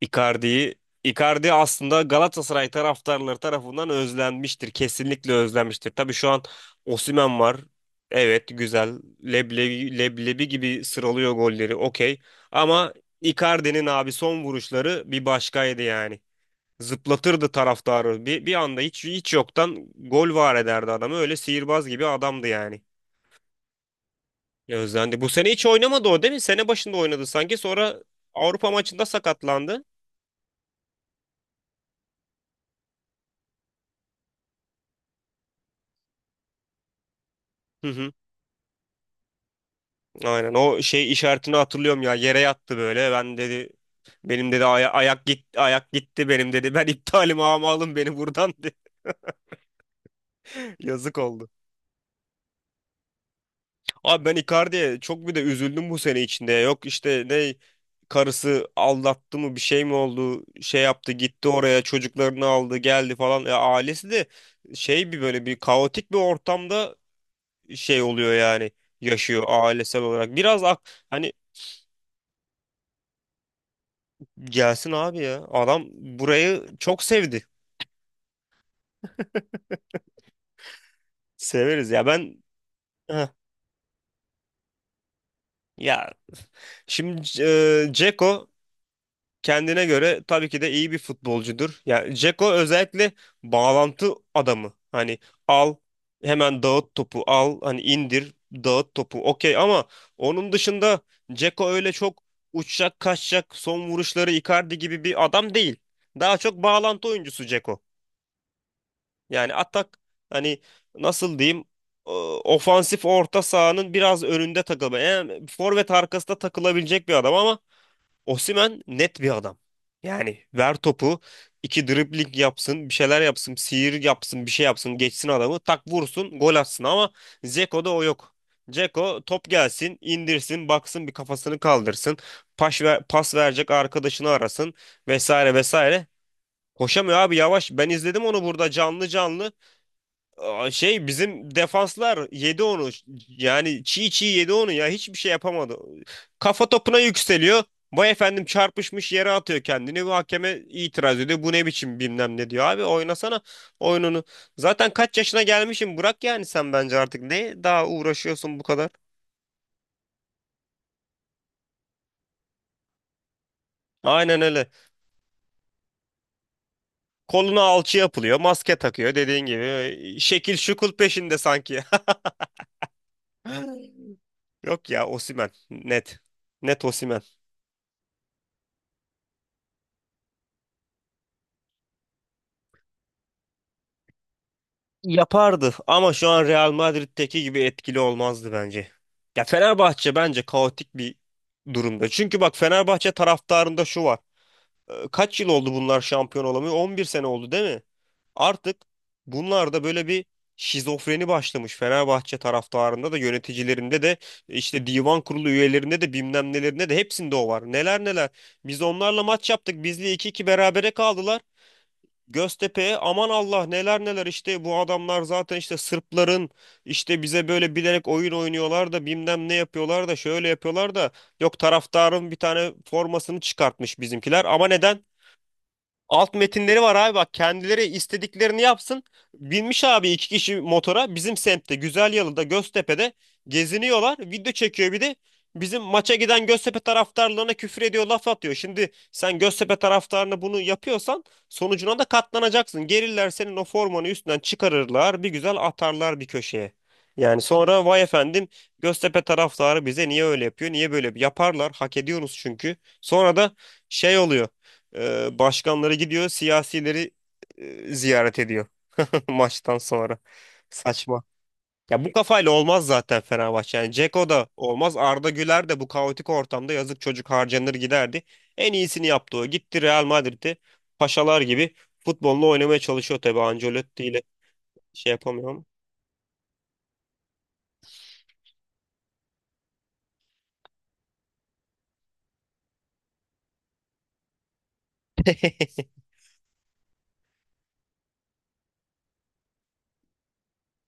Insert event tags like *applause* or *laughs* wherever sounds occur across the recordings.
Icardi'yi Icardi aslında Galatasaray taraftarları tarafından özlenmiştir. Kesinlikle özlenmiştir. Tabii şu an Osimhen var. Evet, güzel. Leblebi, leblebi gibi sıralıyor golleri. Okey. Ama Icardi'nin abi son vuruşları bir başkaydı yani. Zıplatırdı taraftarı. Bir anda hiç yoktan gol var ederdi adamı. Öyle sihirbaz gibi adamdı yani. Ya özlendi. Bu sene hiç oynamadı o, değil mi? Sene başında oynadı sanki. Sonra Avrupa maçında sakatlandı. Hı hı. Aynen, o şey işaretini hatırlıyorum ya, yere yattı böyle, "Ben," dedi, "benim," dedi, "ayak gitti, ayak gitti benim," dedi. *laughs* "Ben iptalim ama alın beni buradan," *laughs* dedi. Yazık oldu. Abi ben Icardi'ye çok bir de üzüldüm bu sene içinde. Yok işte, ne karısı aldattı mı, bir şey mi oldu, şey yaptı, gitti oraya, çocuklarını aldı geldi falan, ya ailesi de şey, bir böyle bir kaotik bir ortamda şey oluyor yani, yaşıyor ailesel olarak biraz hani. Gelsin abi ya. Adam burayı çok sevdi. Severiz ya, ben. Heh. Ya şimdi Dzeko kendine göre tabii ki de iyi bir futbolcudur. Yani Dzeko özellikle bağlantı adamı. Hani al, hemen dağıt topu, al hani indir, dağıt topu, okey, ama onun dışında Dzeko öyle çok uçacak kaçacak son vuruşları Icardi gibi bir adam değil. Daha çok bağlantı oyuncusu Dzeko. Yani atak, hani nasıl diyeyim, e, ofansif orta sahanın biraz önünde takılma. Yani forvet arkasında takılabilecek bir adam ama Osimhen net bir adam. Yani ver topu, iki dribling yapsın, bir şeyler yapsın, sihir yapsın, bir şey yapsın, geçsin adamı, tak vursun, gol atsın, ama Dzeko'da o yok. Dzeko top gelsin, indirsin, baksın, bir kafasını kaldırsın, pas, ver, pas verecek arkadaşını arasın, vesaire vesaire. Koşamıyor abi, yavaş, ben izledim onu burada canlı canlı. Aa, şey, bizim defanslar yedi onu. Yani çiğ çiğ yedi onu ya. Hiçbir şey yapamadı. Kafa topuna yükseliyor. Vay efendim, çarpışmış, yere atıyor kendini. Bu hakeme itiraz ediyor. Bu ne biçim bilmem ne diyor. Abi oynasana oyununu. Zaten kaç yaşına gelmişim, bırak yani sen bence artık. Ne daha uğraşıyorsun bu kadar? Aynen öyle. Koluna alçı yapılıyor, maske takıyor dediğin gibi. Şekil şukul peşinde sanki. *laughs* Yok ya, Osimhen. Net. Net Osimhen. Yapardı ama şu an Real Madrid'deki gibi etkili olmazdı bence. Ya Fenerbahçe bence kaotik bir durumda. Çünkü bak, Fenerbahçe taraftarında şu var. Kaç yıl oldu bunlar şampiyon olamıyor? 11 sene oldu, değil mi? Artık bunlarda böyle bir şizofreni başlamış. Fenerbahçe taraftarında da, yöneticilerinde de, işte divan kurulu üyelerinde de, bilmem nelerinde de, hepsinde o var. Neler neler. Biz onlarla maç yaptık, bizle iki iki berabere kaldılar. Göztepe'ye aman Allah neler neler işte, bu adamlar zaten işte Sırpların, işte bize böyle bilerek oyun oynuyorlar da, bilmem ne yapıyorlar da, şöyle yapıyorlar da, yok taraftarın bir tane formasını çıkartmış bizimkiler, ama neden? Alt metinleri var abi, bak kendileri istediklerini yapsın. Binmiş abi iki kişi motora, bizim semtte Güzelyalı'da, Göztepe'de geziniyorlar. Video çekiyor bir de, bizim maça giden Göztepe taraftarlarına küfür ediyor, laf atıyor. Şimdi sen Göztepe taraftarına bunu yapıyorsan, sonucuna da katlanacaksın. Gelirler senin o formanı üstünden çıkarırlar, bir güzel atarlar bir köşeye. Yani sonra vay efendim, Göztepe taraftarı bize niye öyle yapıyor, niye böyle yapıyor? Yaparlar, hak ediyoruz çünkü. Sonra da şey oluyor, başkanları gidiyor, siyasileri ziyaret ediyor *laughs* maçtan sonra. Saçma. Ya bu kafayla olmaz zaten Fenerbahçe. Yani Dzeko da olmaz, Arda Güler de bu kaotik ortamda yazık, çocuk harcanır giderdi. En iyisini yaptı o. Gitti Real Madrid'e, paşalar gibi futbolunu oynamaya çalışıyor tabii Ancelotti ile. Şey yapamıyorum. *laughs*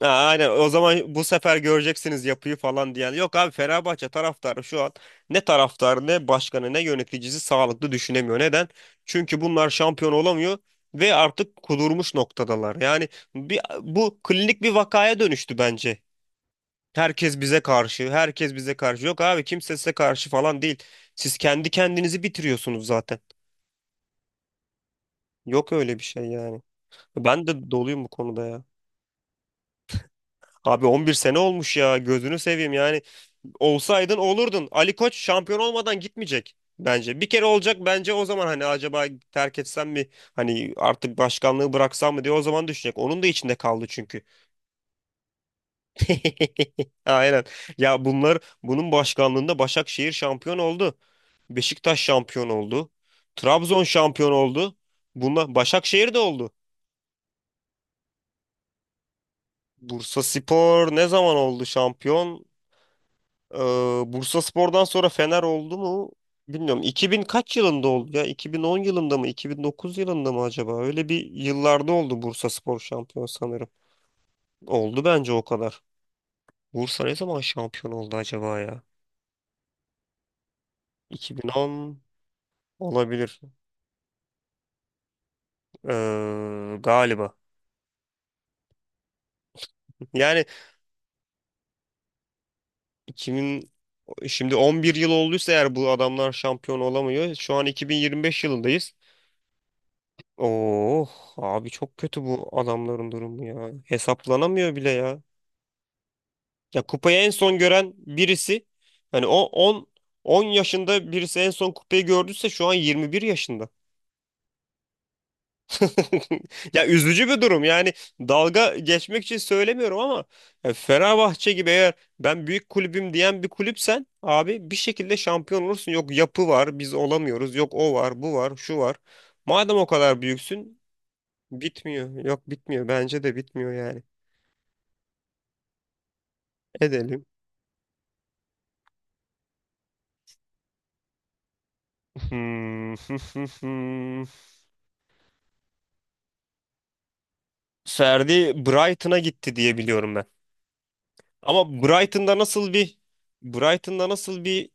Ha, aynen, o zaman bu sefer göreceksiniz yapıyı falan diyen. Yok abi, Fenerbahçe taraftarı şu an ne taraftarı, ne başkanı, ne yöneticisi sağlıklı düşünemiyor. Neden? Çünkü bunlar şampiyon olamıyor ve artık kudurmuş noktadalar. Yani bu klinik bir vakaya dönüştü bence. Herkes bize karşı, herkes bize karşı. Yok abi, kimse size karşı falan değil. Siz kendi kendinizi bitiriyorsunuz zaten. Yok öyle bir şey yani. Ben de doluyum bu konuda ya. Abi 11 sene olmuş ya, gözünü seveyim yani. Olsaydın olurdun. Ali Koç şampiyon olmadan gitmeyecek bence. Bir kere olacak, bence o zaman hani, acaba terk etsem mi? Hani artık başkanlığı bıraksam mı diye o zaman düşünecek. Onun da içinde kaldı çünkü. *laughs* Aynen. Ya bunlar, bunun başkanlığında Başakşehir şampiyon oldu. Beşiktaş şampiyon oldu. Trabzon şampiyon oldu. Bunlar Başakşehir de oldu. Bursaspor ne zaman oldu şampiyon? Ee, Bursaspor'dan sonra Fener oldu mu? Bilmiyorum. 2000 kaç yılında oldu ya? 2010 yılında mı? 2009 yılında mı acaba? Öyle bir yıllarda oldu Bursaspor şampiyon sanırım. Oldu bence, o kadar. Bursa ne zaman şampiyon oldu acaba ya? 2010 olabilir. Galiba. Yani 2000, şimdi 11 yıl olduysa eğer bu adamlar şampiyon olamıyor, şu an 2025 yılındayız. Oh abi çok kötü bu adamların durumu ya. Hesaplanamıyor bile ya. Ya kupayı en son gören birisi, hani o 10 yaşında birisi en son kupayı gördüyse şu an 21 yaşında. *laughs* Ya üzücü bir durum. Yani dalga geçmek için söylemiyorum ama, ya Fenerbahçe gibi eğer ben büyük kulübüm diyen bir kulüpsen abi, bir şekilde şampiyon olursun. Yok yapı var, biz olamıyoruz. Yok o var, bu var, şu var. Madem o kadar büyüksün, bitmiyor. Yok bitmiyor. Bence de bitmiyor yani. Edelim. *laughs* Ferdi Brighton'a gitti diye biliyorum ben. Ama Brighton'da nasıl bir, Brighton'da nasıl bir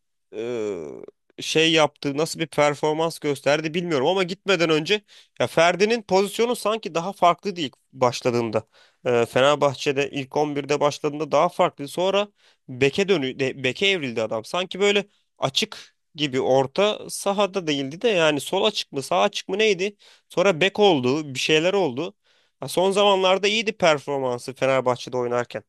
şey yaptı, nasıl bir performans gösterdi bilmiyorum ama gitmeden önce, ya Ferdi'nin pozisyonu sanki daha farklıydı ilk başladığında. E, Fenerbahçe'de ilk 11'de başladığında daha farklı. Sonra beke evrildi adam. Sanki böyle açık gibi, orta sahada değildi de, yani sol açık mı, sağ açık mı neydi? Sonra bek oldu, bir şeyler oldu. Ha, son zamanlarda iyiydi performansı Fenerbahçe'de oynarken.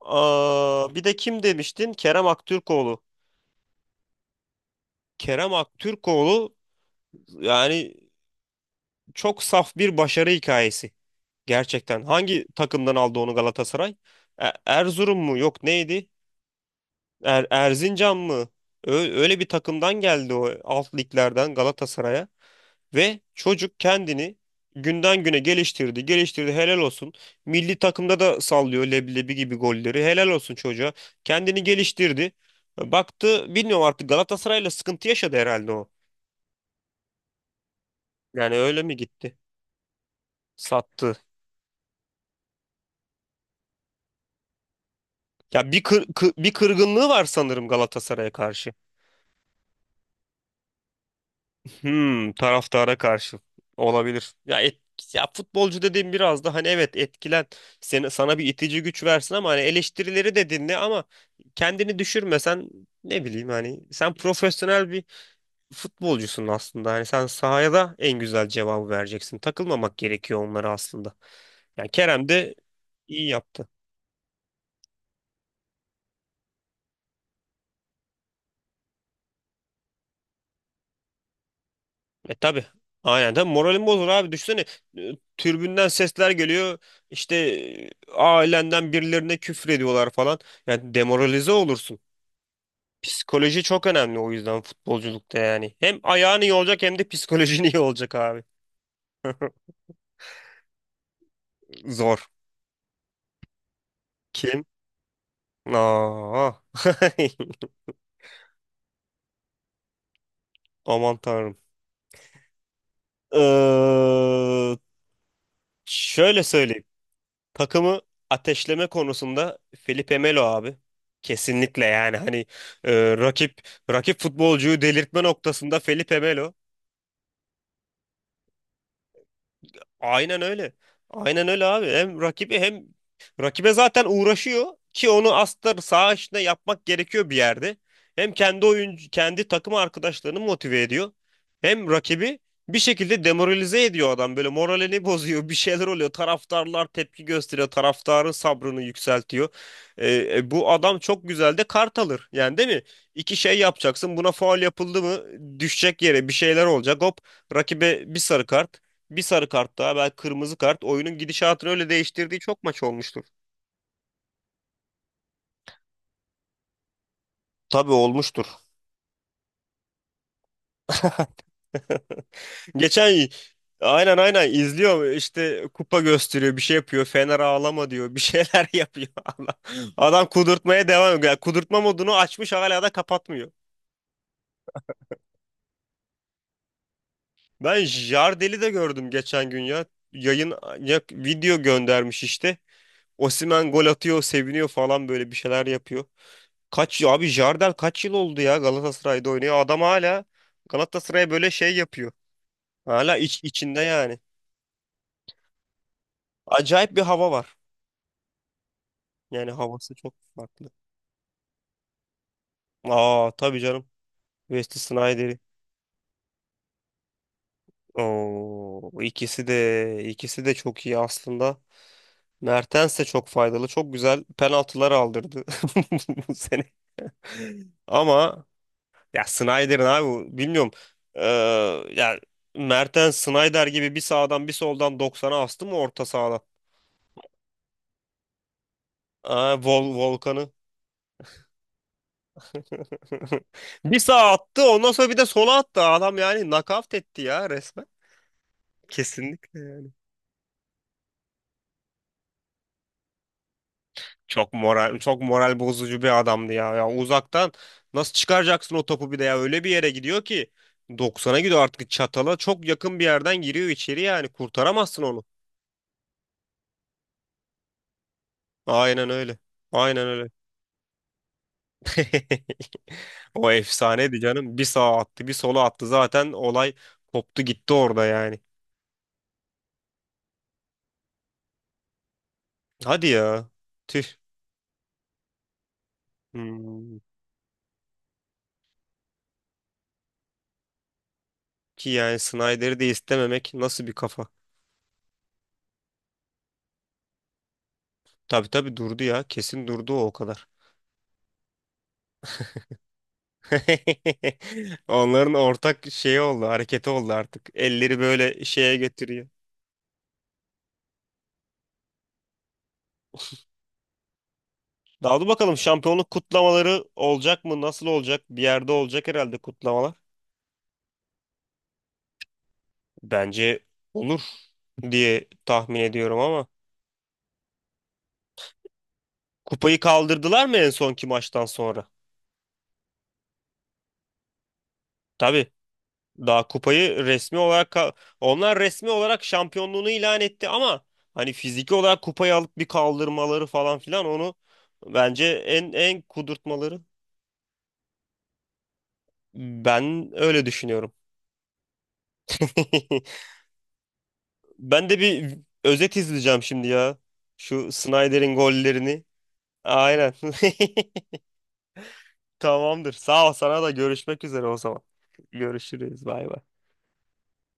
Aa, bir de kim demiştin? Kerem Aktürkoğlu. Kerem Aktürkoğlu yani çok saf bir başarı hikayesi. Gerçekten. Hangi takımdan aldı onu Galatasaray? Erzurum mu? Yok neydi? Erzincan mı? Ö- öyle bir takımdan geldi o, alt liglerden Galatasaray'a. Ve çocuk kendini günden güne geliştirdi, geliştirdi. Helal olsun. Milli takımda da sallıyor leblebi gibi golleri. Helal olsun çocuğa. Kendini geliştirdi. Baktı, bilmiyorum artık Galatasaray'la sıkıntı yaşadı herhalde o. Yani öyle mi gitti? Sattı. Ya bir kırgınlığı var sanırım Galatasaray'a karşı. Hmm, taraftara karşı olabilir. Ya futbolcu dediğim biraz da hani evet, sana bir itici güç versin ama hani eleştirileri de dinle ama kendini düşürmesen, ne bileyim hani, sen profesyonel bir futbolcusun aslında. Hani sen sahaya da en güzel cevabı vereceksin. Takılmamak gerekiyor onlara aslında. Yani Kerem de iyi yaptı. E tabi. Aynen tabi moralim bozulur abi düşünsene, e, tribünden sesler geliyor işte, ailenden birilerine küfür ediyorlar falan, yani demoralize olursun. Psikoloji çok önemli o yüzden futbolculukta yani. Hem ayağın iyi olacak, hem de psikolojin *laughs* iyi olacak abi. Zor. Kim? Aa. *laughs* Aman tanrım. Ee, şöyle söyleyeyim. Takımı ateşleme konusunda Felipe Melo abi. Kesinlikle yani hani, e, rakip rakip futbolcuyu delirtme noktasında Felipe Melo. Aynen öyle. Aynen öyle abi. Hem rakibi, hem rakibe zaten uğraşıyor, ki onu aslında saha içinde yapmak gerekiyor bir yerde. Hem kendi oyuncu, kendi takım arkadaşlarını motive ediyor. Hem rakibi bir şekilde demoralize ediyor adam, böyle moralini *laughs* bozuyor, bir şeyler oluyor, taraftarlar tepki gösteriyor, taraftarın sabrını yükseltiyor. Bu adam çok güzel de kart alır yani, değil mi? İki şey yapacaksın, buna faul yapıldı mı, düşecek yere bir şeyler olacak, hop rakibe bir sarı kart, bir sarı kart daha, belki kırmızı kart, oyunun gidişatını öyle değiştirdiği çok maç olmuştur. Tabii olmuştur. *laughs* Geçen, aynen aynen izliyor işte, kupa gösteriyor, bir şey yapıyor, Fener ağlama diyor, bir şeyler *laughs* yapıyor. Allah. Adam kudurtmaya devam ediyor. Yani kudurtma modunu açmış, hala da kapatmıyor. Ben Jardel'i de gördüm geçen gün ya. Yayın, ya, video göndermiş işte. Osimhen gol atıyor, seviniyor falan, böyle bir şeyler yapıyor. Kaç abi Jardel kaç yıl oldu ya Galatasaray'da oynuyor. Adam hala Galatasaray'a böyle şey yapıyor. Hala içinde yani. Acayip bir hava var. Yani havası çok farklı. Aa tabii canım. Wesley Sneijder'i. Oo, ikisi de, ikisi de çok iyi aslında. Mertens de çok faydalı. Çok güzel penaltılar aldırdı *laughs* bu sene. Ama ya Sneijder'in abi bu- bilmiyorum. Ee, ya Mertens Snyder gibi bir sağdan bir soldan doksan'a astı mı orta sahada? Aa, volkanı. *laughs* Bir sağa attı, ondan sonra bir de sola attı. Adam yani knockout etti ya resmen. Kesinlikle yani. Çok moral, çok moral bozucu bir adamdı ya. Ya uzaktan nasıl çıkaracaksın o topu, bir de ya öyle bir yere gidiyor ki 90'a gidiyor, artık çatala çok yakın bir yerden giriyor içeri, yani kurtaramazsın onu. Aynen öyle. Aynen öyle. *laughs* O efsaneydi canım. Bir sağa attı, bir sola attı. Zaten olay koptu gitti orada yani. Hadi ya. Tüh. Hmm. Ki yani Snyder'i de istememek nasıl bir kafa? Tabii tabii durdu ya. Kesin durdu o kadar. *laughs* Onların ortak şeyi oldu, hareketi oldu artık. Elleri böyle şeye getiriyor. Daha dur bakalım, şampiyonluk kutlamaları olacak mı? Nasıl olacak? Bir yerde olacak herhalde kutlamalar. Bence olur diye tahmin ediyorum ama. Kupayı kaldırdılar mı en sonki maçtan sonra? Tabii. Daha kupayı resmi olarak ka-, onlar resmi olarak şampiyonluğunu ilan etti ama hani fiziki olarak kupayı alıp bir kaldırmaları falan filan, onu bence en kudurtmaları. Ben öyle düşünüyorum. *laughs* Ben de bir özet izleyeceğim şimdi ya. Şu Snyder'in gollerini. Aynen. *laughs* Tamamdır. Sağ ol, sana da, görüşmek üzere o zaman. Görüşürüz. Bay bay.